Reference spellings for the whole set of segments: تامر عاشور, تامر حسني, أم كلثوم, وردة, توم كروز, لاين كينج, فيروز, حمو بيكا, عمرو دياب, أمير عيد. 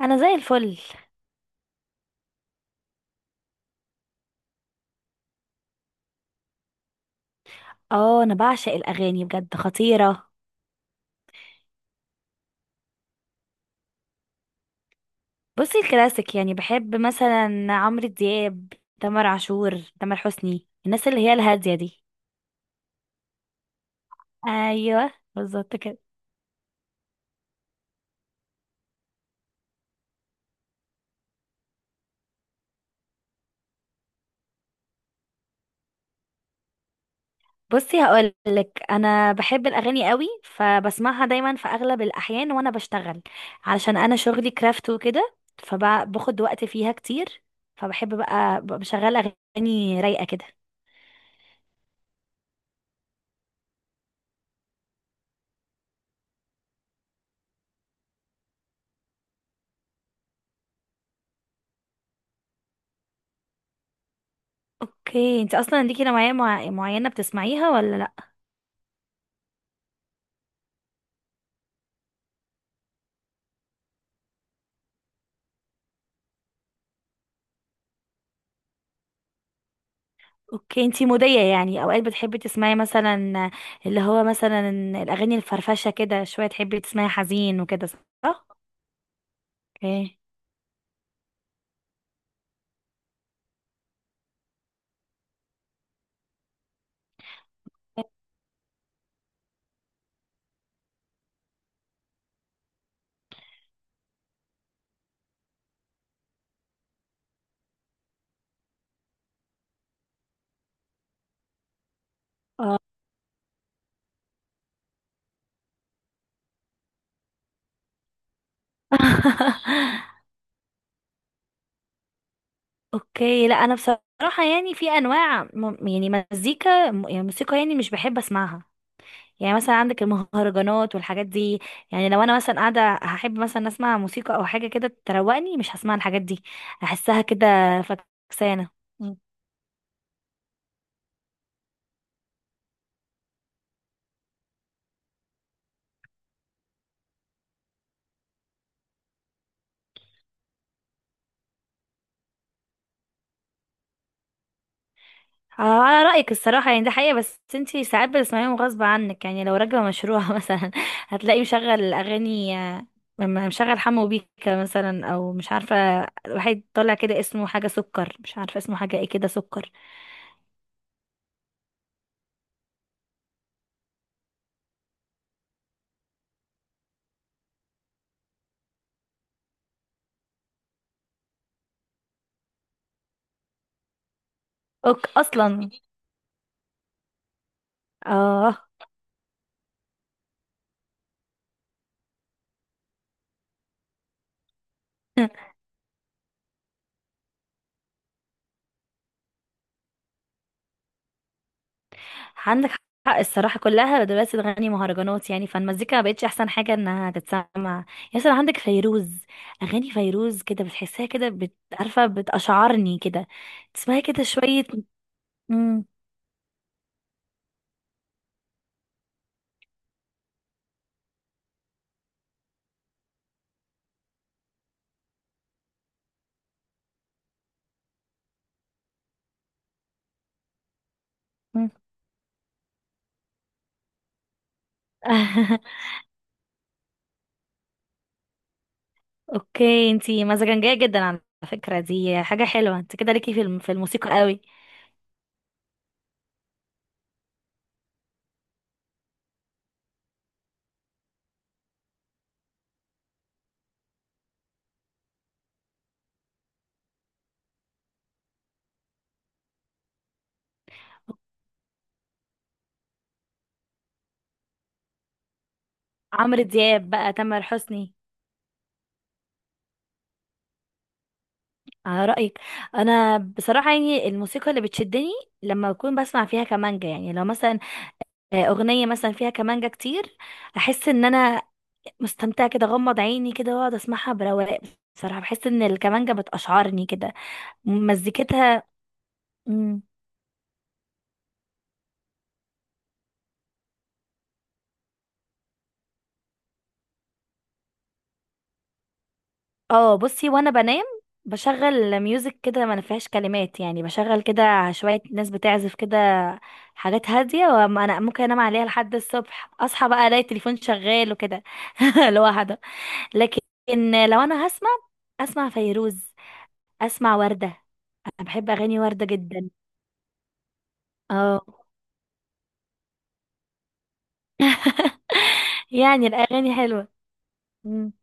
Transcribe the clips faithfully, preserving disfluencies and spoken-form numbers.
انا زي الفل. اه، انا بعشق الاغاني بجد خطيره. بصي، الكلاسيك يعني بحب مثلا عمرو دياب، تامر عاشور، تامر حسني، الناس اللي هي الهاديه دي. ايوه بالظبط كده. بصي هقولك، انا بحب الاغاني قوي، فبسمعها دايما في اغلب الاحيان وانا بشتغل. علشان انا شغلي كرافت وكده، فباخد وقت فيها كتير. فبحب بقى ببقى بشغل اغاني رايقه كده. اوكي، انت اصلا ليكي نوعيه مع- معينه بتسمعيها ولا؟ اوكي، انتي مودية، يعني اوقات بتحبي تسمعي مثلا، اللي هو مثلا الاغاني الفرفشة كده شوية، تحبي تسمعي حزين وكده، صح؟ اوكي. اه. اوكي، لا انا بصراحة يعني في انواع م- يعني مزيكا م- يعني موسيقى، يعني مش بحب اسمعها. يعني مثلا عندك المهرجانات والحاجات دي. يعني لو انا مثلا قاعدة هحب مثلا اسمع موسيقى او حاجة كده تروقني، مش هسمع الحاجات دي. احسها كده فكسانة. اه، على رأيك الصراحة، يعني ده حقيقة. بس انتي ساعات بتسمعيهم غصب عنك، يعني لو راكبة مشروع مثلا هتلاقيه مشغل أغاني، آه، م- مشغل حمو بيكا مثلا أو مش عارفة، واحد طالع كده اسمه حاجة سكر، مش عارفة اسمه حاجة ايه كده، سكر. اوك أصلا. اه. عندك حق الصراحة، كلها دلوقتي تغني مهرجانات، يعني فالمزيكا ما بقتش أحسن حاجة إنها تتسمع. يا سلام عندك فيروز. أغاني فيروز كده بتحسها كده، بت- عارفة، بتأشعرني كده، تسمعي كده شوية. مم. مم. اوكي، انتي مزاجنجية جدا على فكرة. دي حاجة حلوة، انت كده ليكي في الم- في الموسيقى قوي. عمرو دياب بقى، تامر حسني. على رأيك. انا بصراحة يعني الموسيقى اللي بتشدني لما اكون بسمع فيها كمانجا، يعني لو مثلا آه، اغنية مثلا فيها كمانجا كتير، احس ان انا مستمتعة كده، غمض عيني كده واقعد اسمعها برواق. بصراحة بحس ان الكمانجا بتقشعرني كده مزيكتها. اه، بصي وانا بنام بشغل ميوزك كده ما فيهاش كلمات، يعني بشغل كده شوية ناس بتعزف كده، حاجات هادية، وانا ممكن انام عليها لحد الصبح، اصحى بقى الاقي التليفون شغال وكده لوحده. لكن لو انا هسمع، اسمع فيروز، اسمع وردة. انا بحب اغاني وردة جدا. اه. يعني الاغاني حلوة. إمم.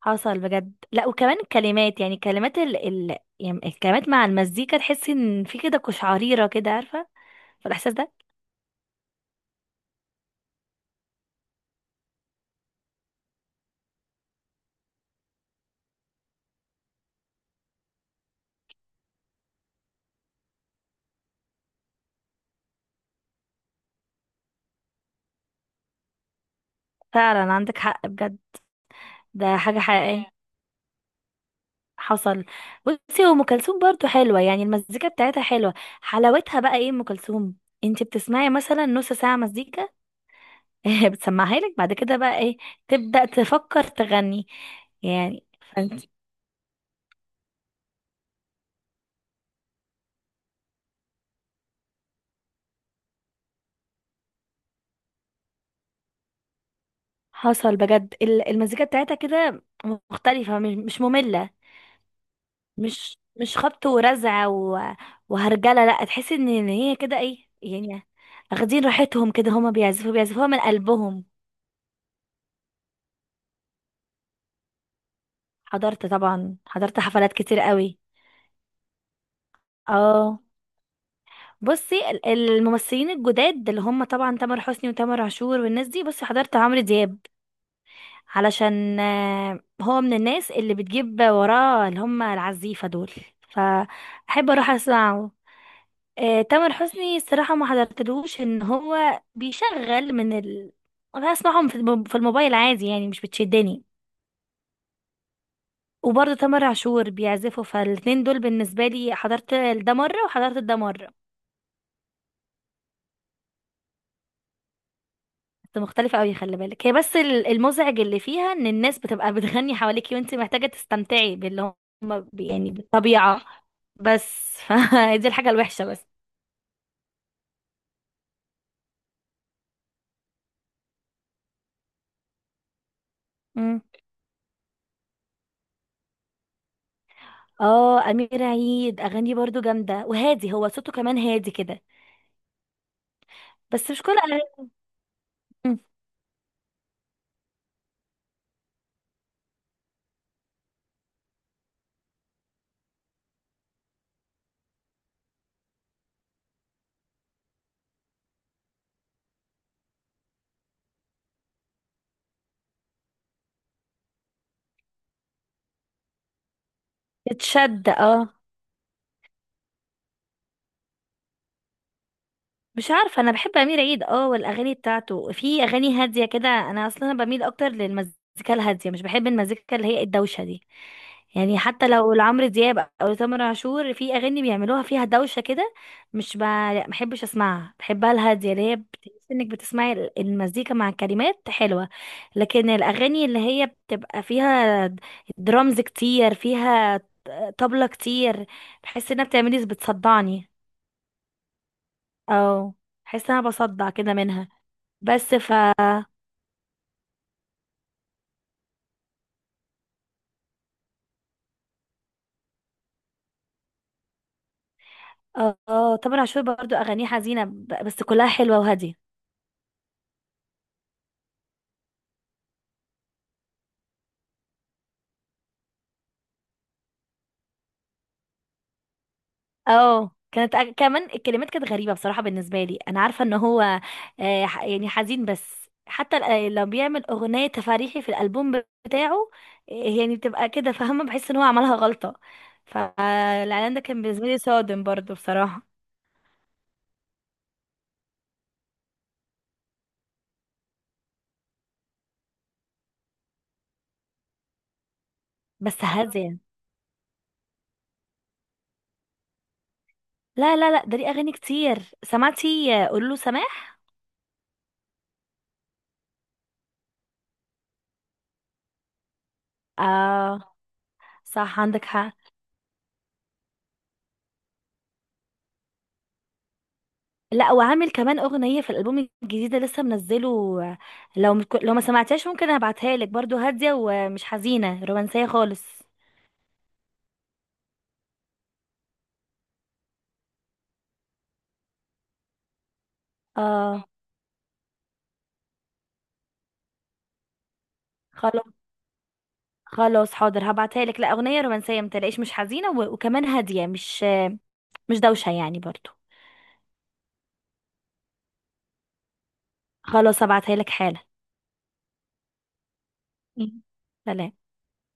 حصل بجد، لا وكمان الكلمات، يعني كلمات ال... ال... يعني الكلمات مع المزيكا تحس ان في كده قشعريرة كده، عارفة فالاحساس ده. فعلا عندك حق بجد، ده حاجة حقيقية. مم. حصل. بصي هو ام كلثوم برضه حلوة، يعني المزيكا بتاعتها حلوة. حلاوتها بقى ايه ام كلثوم؟ انت بتسمعي مثلا نص ساعة مزيكا بتسمعها لك، بعد كده بقى ايه تبدأ تفكر تغني. يعني فانت، حصل بجد ال- المزيكا بتاعتها كده مختلفة، مش مش مملة، مش مش خبط ورزع و... وهرجله. لا تحس ان إن هي كده ايه يعني، اخدين راحتهم كده، هما بيعزفوا بيعزفوها من قلبهم. حضرت طبعا، حضرت حفلات كتير قوي. اه، بصي ال- الممثلين الجداد اللي هم طبعا تامر حسني وتامر عاشور والناس دي، بصي حضرت عمرو دياب، علشان آه، هو من الناس اللي بتجيب وراه اللي هم العزيفة دول، فأحب أروح أسمعه. آه، تامر حسني الصراحة ما حضرتلوش، ان هو بيشغل من ال انا اسمعهم في الم- في الموبايل عادي، يعني مش بتشدني. وبرضه تامر عاشور بيعزفوا، فالاتنين دول بالنسبة لي حضرت ده مرة وحضرت ده مرة، بس مختلفة قوي. خلي بالك هي بس ال- المزعج اللي فيها ان الناس بتبقى بتغني حواليكي وانت محتاجة تستمتعي باللي هم بي- يعني بالطبيعة، بس فدي الحاجة الوحشة بس. مم. اه، امير عيد اغانيه برضو جامدة وهادي، هو صوته كمان هادي كده، بس مش كل. مم. تتشد، اه. مش عارفه، انا بحب امير عيد، اه والاغاني بتاعته في اغاني هاديه كده. انا اصلا بميل اكتر للمزيكا الهاديه، مش بحب المزيكا اللي هي الدوشه دي. يعني حتى لو لعمرو دياب او لتامر عاشور في اغاني بيعملوها فيها دوشه كده، مش ب... لا ما بحبش اسمعها. بحبها الهاديه، اللي هي بتحس انك بتسمعي ال- المزيكا مع كلمات حلوه. لكن الاغاني اللي هي بتبقى فيها درامز كتير، فيها طبلة كتير، بحس انها بتعملي بتصدعني. اه، حاسه انا بصدع كده منها. بس ف اه، تامر عاشور برضو اغانيه حزينه، ب- بس كلها حلوه وهاديه. اه كانت، أ- كمان الكلمات كانت غريبه بصراحه، بالنسبه لي انا عارفه ان هو آه، ح- يعني حزين، بس حتى ال- آه، لو بيعمل اغنيه تفاريحي في الالبوم بتاعه، آه، يعني بتبقى كده، فاهمه بحس ان هو عملها غلطه. فالاعلان ده كان بالنسبه لي صادم برضو بصراحه. بس هاديه. لا لا لا، ده ليه اغاني كتير، سمعتي آه، قولوا له سماح؟ اه، صح عندك حق. لا، وعامل كمان اغنيه في الالبوم الجديد اللي لسه منزله، لو مك... لو ما سمعتهاش ممكن ابعتها لك، برضو هاديه ومش حزينه، رومانسيه خالص. اه، خلاص. خلاص حاضر هبعتها لك. لا اغنيه رومانسيه متلاقيش، مش حزينه و... وكمان هاديه، مش مش دوشه يعني برضو. خلاص هبعتها لك حالا. مم. سلام.